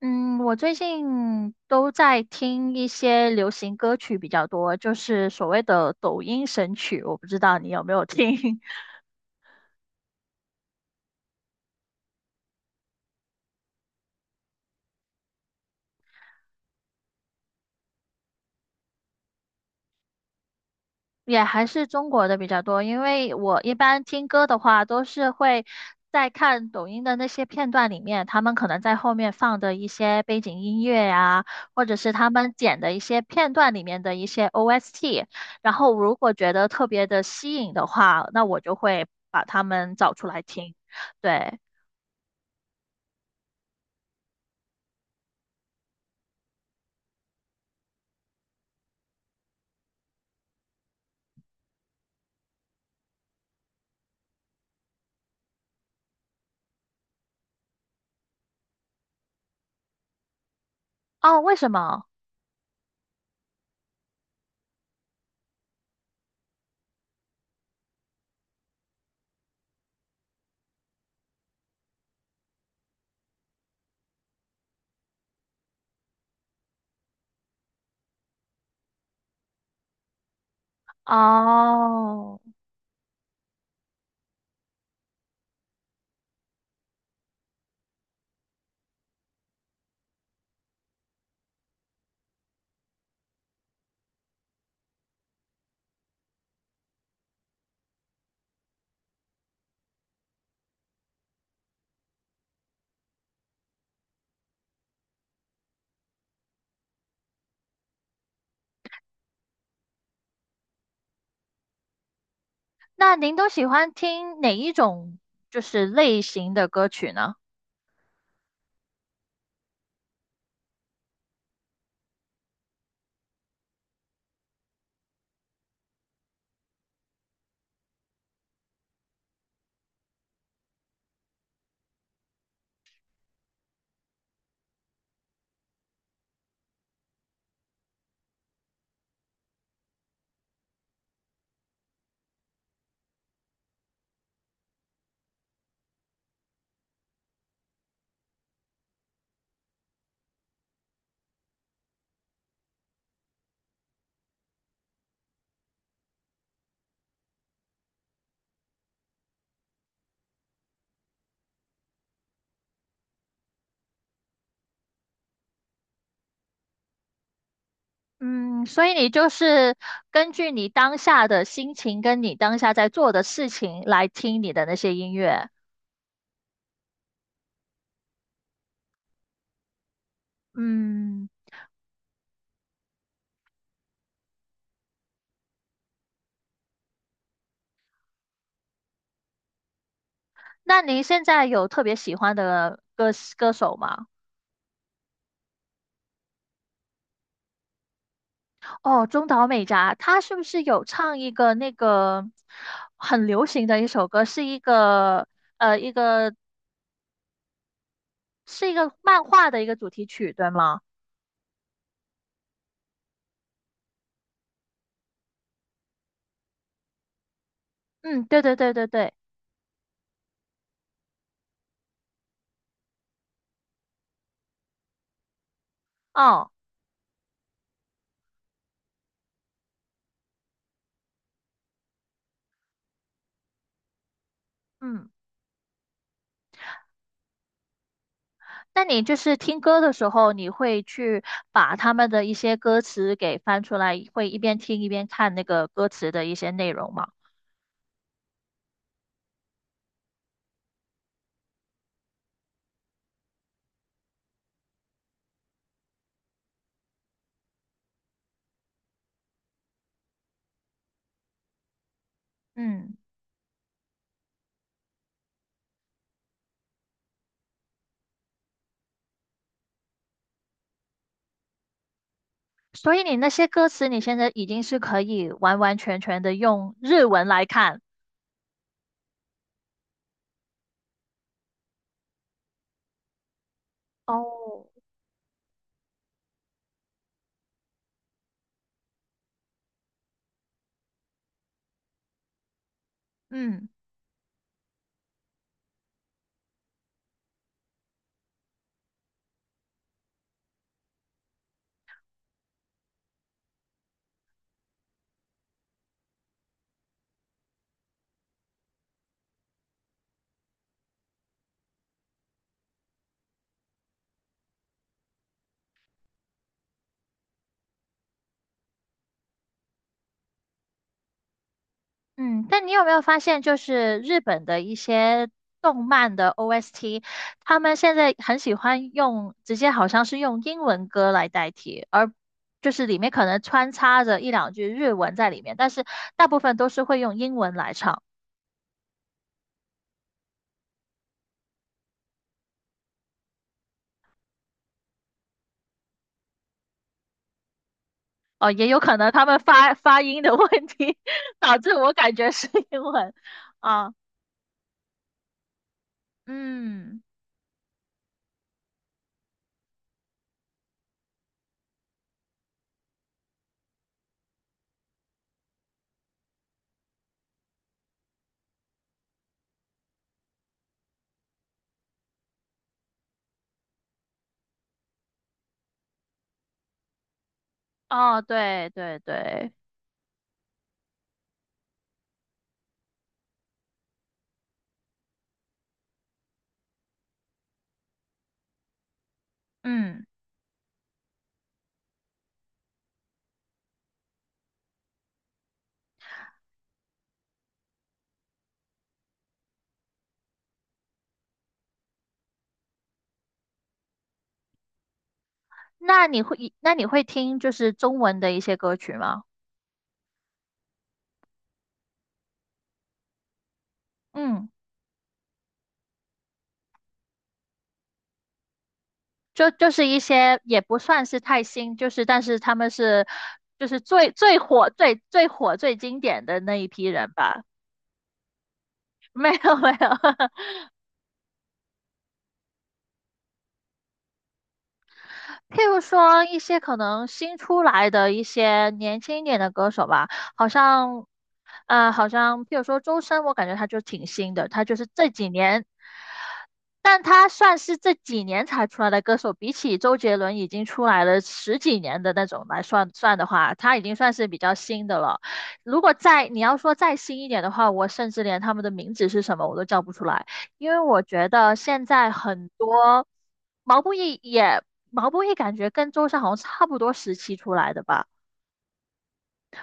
嗯，我最近都在听一些流行歌曲比较多，就是所谓的抖音神曲，我不知道你有没有听。也还是中国的比较多，因为我一般听歌的话都是会在看抖音的那些片段里面，他们可能在后面放的一些背景音乐呀，或者是他们剪的一些片段里面的一些 OST，然后如果觉得特别的吸引的话，那我就会把它们找出来听。对。哦，为什么？哦，那您都喜欢听哪一种就是类型的歌曲呢？嗯，所以你就是根据你当下的心情跟你当下在做的事情来听你的那些音乐。嗯，那您现在有特别喜欢的歌手吗？哦，中岛美嘉，她是不是有唱一个那个很流行的一首歌，是一个一个是一个漫画的一个主题曲，对吗？嗯，对对对对对，哦，嗯，那你就是听歌的时候，你会去把他们的一些歌词给翻出来，会一边听一边看那个歌词的一些内容吗？嗯，所以你那些歌词，你现在已经是可以完完全全的用日文来看。哦，嗯。嗯，但你有没有发现，就是日本的一些动漫的 OST,他们现在很喜欢用，直接好像是用英文歌来代替，而就是里面可能穿插着一两句日文在里面，但是大部分都是会用英文来唱。哦，也有可能他们发音的问题，导致我感觉是英文。啊，嗯，哦，对对对，嗯，那你会，那你会听就是中文的一些歌曲吗？嗯。就就是一些也不算是太新，就是但是他们是就是最火最最经典的那一批人吧。没有没有，譬如说一些可能新出来的一些年轻一点的歌手吧，好像，好像譬如说周深，我感觉他就挺新的，他就是这几年，但他算是这几年才出来的歌手，比起周杰伦已经出来了十几年的那种来算的话，他已经算是比较新的了。如果再你要说再新一点的话，我甚至连他们的名字是什么我都叫不出来。因为我觉得现在很多毛不易也毛不易感觉跟周深好像差不多时期出来的吧。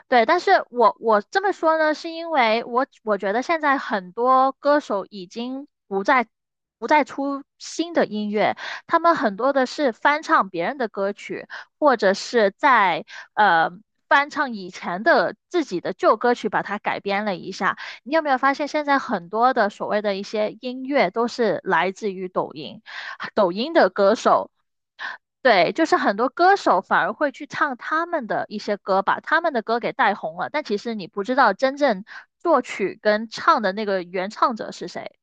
对，但是我这么说呢，是因为我觉得现在很多歌手已经不再出新的音乐，他们很多的是翻唱别人的歌曲，或者是在呃翻唱以前的自己的旧歌曲，把它改编了一下。你有没有发现，现在很多的所谓的一些音乐都是来自于抖音，抖音的歌手。对，就是很多歌手反而会去唱他们的一些歌，把他们的歌给带红了，但其实你不知道真正作曲跟唱的那个原唱者是谁。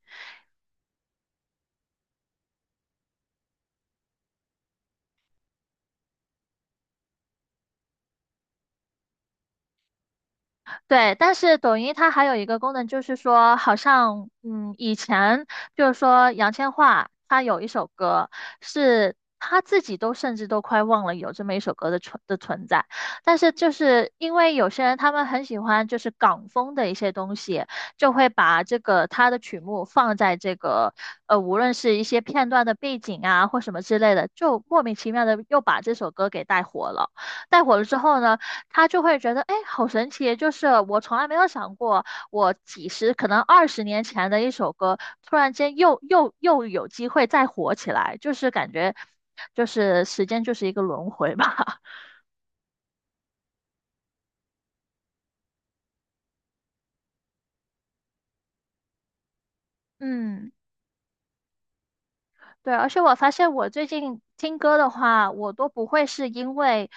对，但是抖音它还有一个功能，就是说，好像嗯，以前就是说杨千嬅她有一首歌，是她自己都甚至都快忘了有这么一首歌的存在，但是就是因为有些人他们很喜欢就是港风的一些东西，就会把这个他的曲目放在这个无论是一些片段的背景啊或什么之类的，就莫名其妙的又把这首歌给带火了。带火了之后呢？他就会觉得，哎，好神奇！就是我从来没有想过，我几十可能20年前的一首歌，突然间又有机会再火起来，就是感觉，就是时间就是一个轮回吧。嗯，对，而且我发现我最近听歌的话，我都不会是因为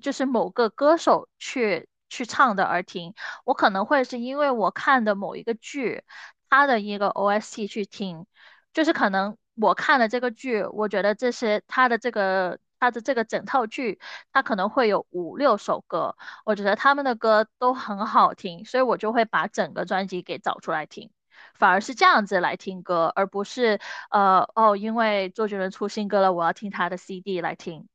就是某个歌手去唱的而听，我可能会是因为我看的某一个剧，它的一个 OST 去听，就是可能我看了这个剧，我觉得这些它的这个整套剧，它可能会有五六首歌，我觉得他们的歌都很好听，所以我就会把整个专辑给找出来听。反而是这样子来听歌，而不是哦，因为周杰伦出新歌了，我要听他的 CD 来听。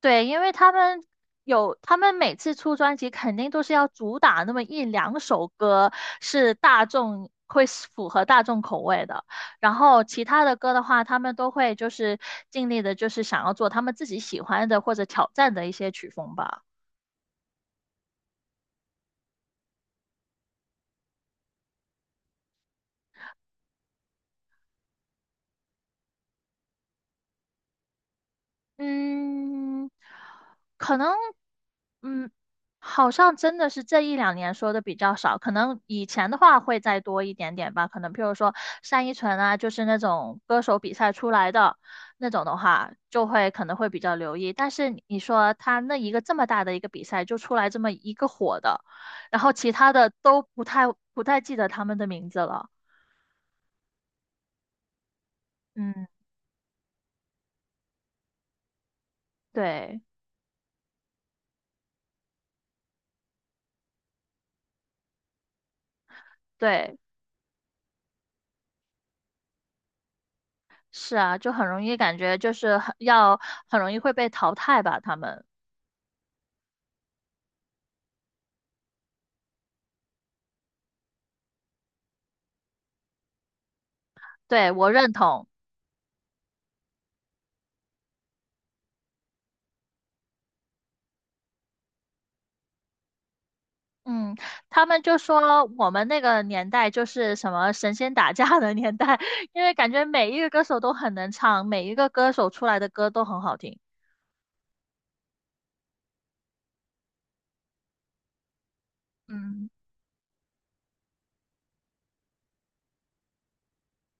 对，因为他们有，他们每次出专辑肯定都是要主打那么一两首歌是大众会是符合大众口味的，然后其他的歌的话，他们都会就是尽力的，就是想要做他们自己喜欢的或者挑战的一些曲风吧。嗯，可能，嗯，好像真的是这一两年说的比较少，可能以前的话会再多一点点吧。可能譬如说单依纯啊，就是那种歌手比赛出来的那种的话，就会可能会比较留意。但是你说他那一个这么大的一个比赛就出来这么一个火的，然后其他的都不太记得他们的名字了。嗯，对对。是啊，就很容易感觉很容易会被淘汰吧，他们。对，我认同。嗯，他们就说我们那个年代就是什么神仙打架的年代，因为感觉每一个歌手都很能唱，每一个歌手出来的歌都很好听。嗯，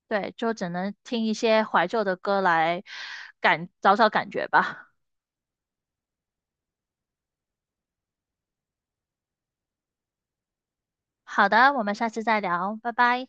对，就只能听一些怀旧的歌来找找感觉吧。好的，我们下次再聊，拜拜。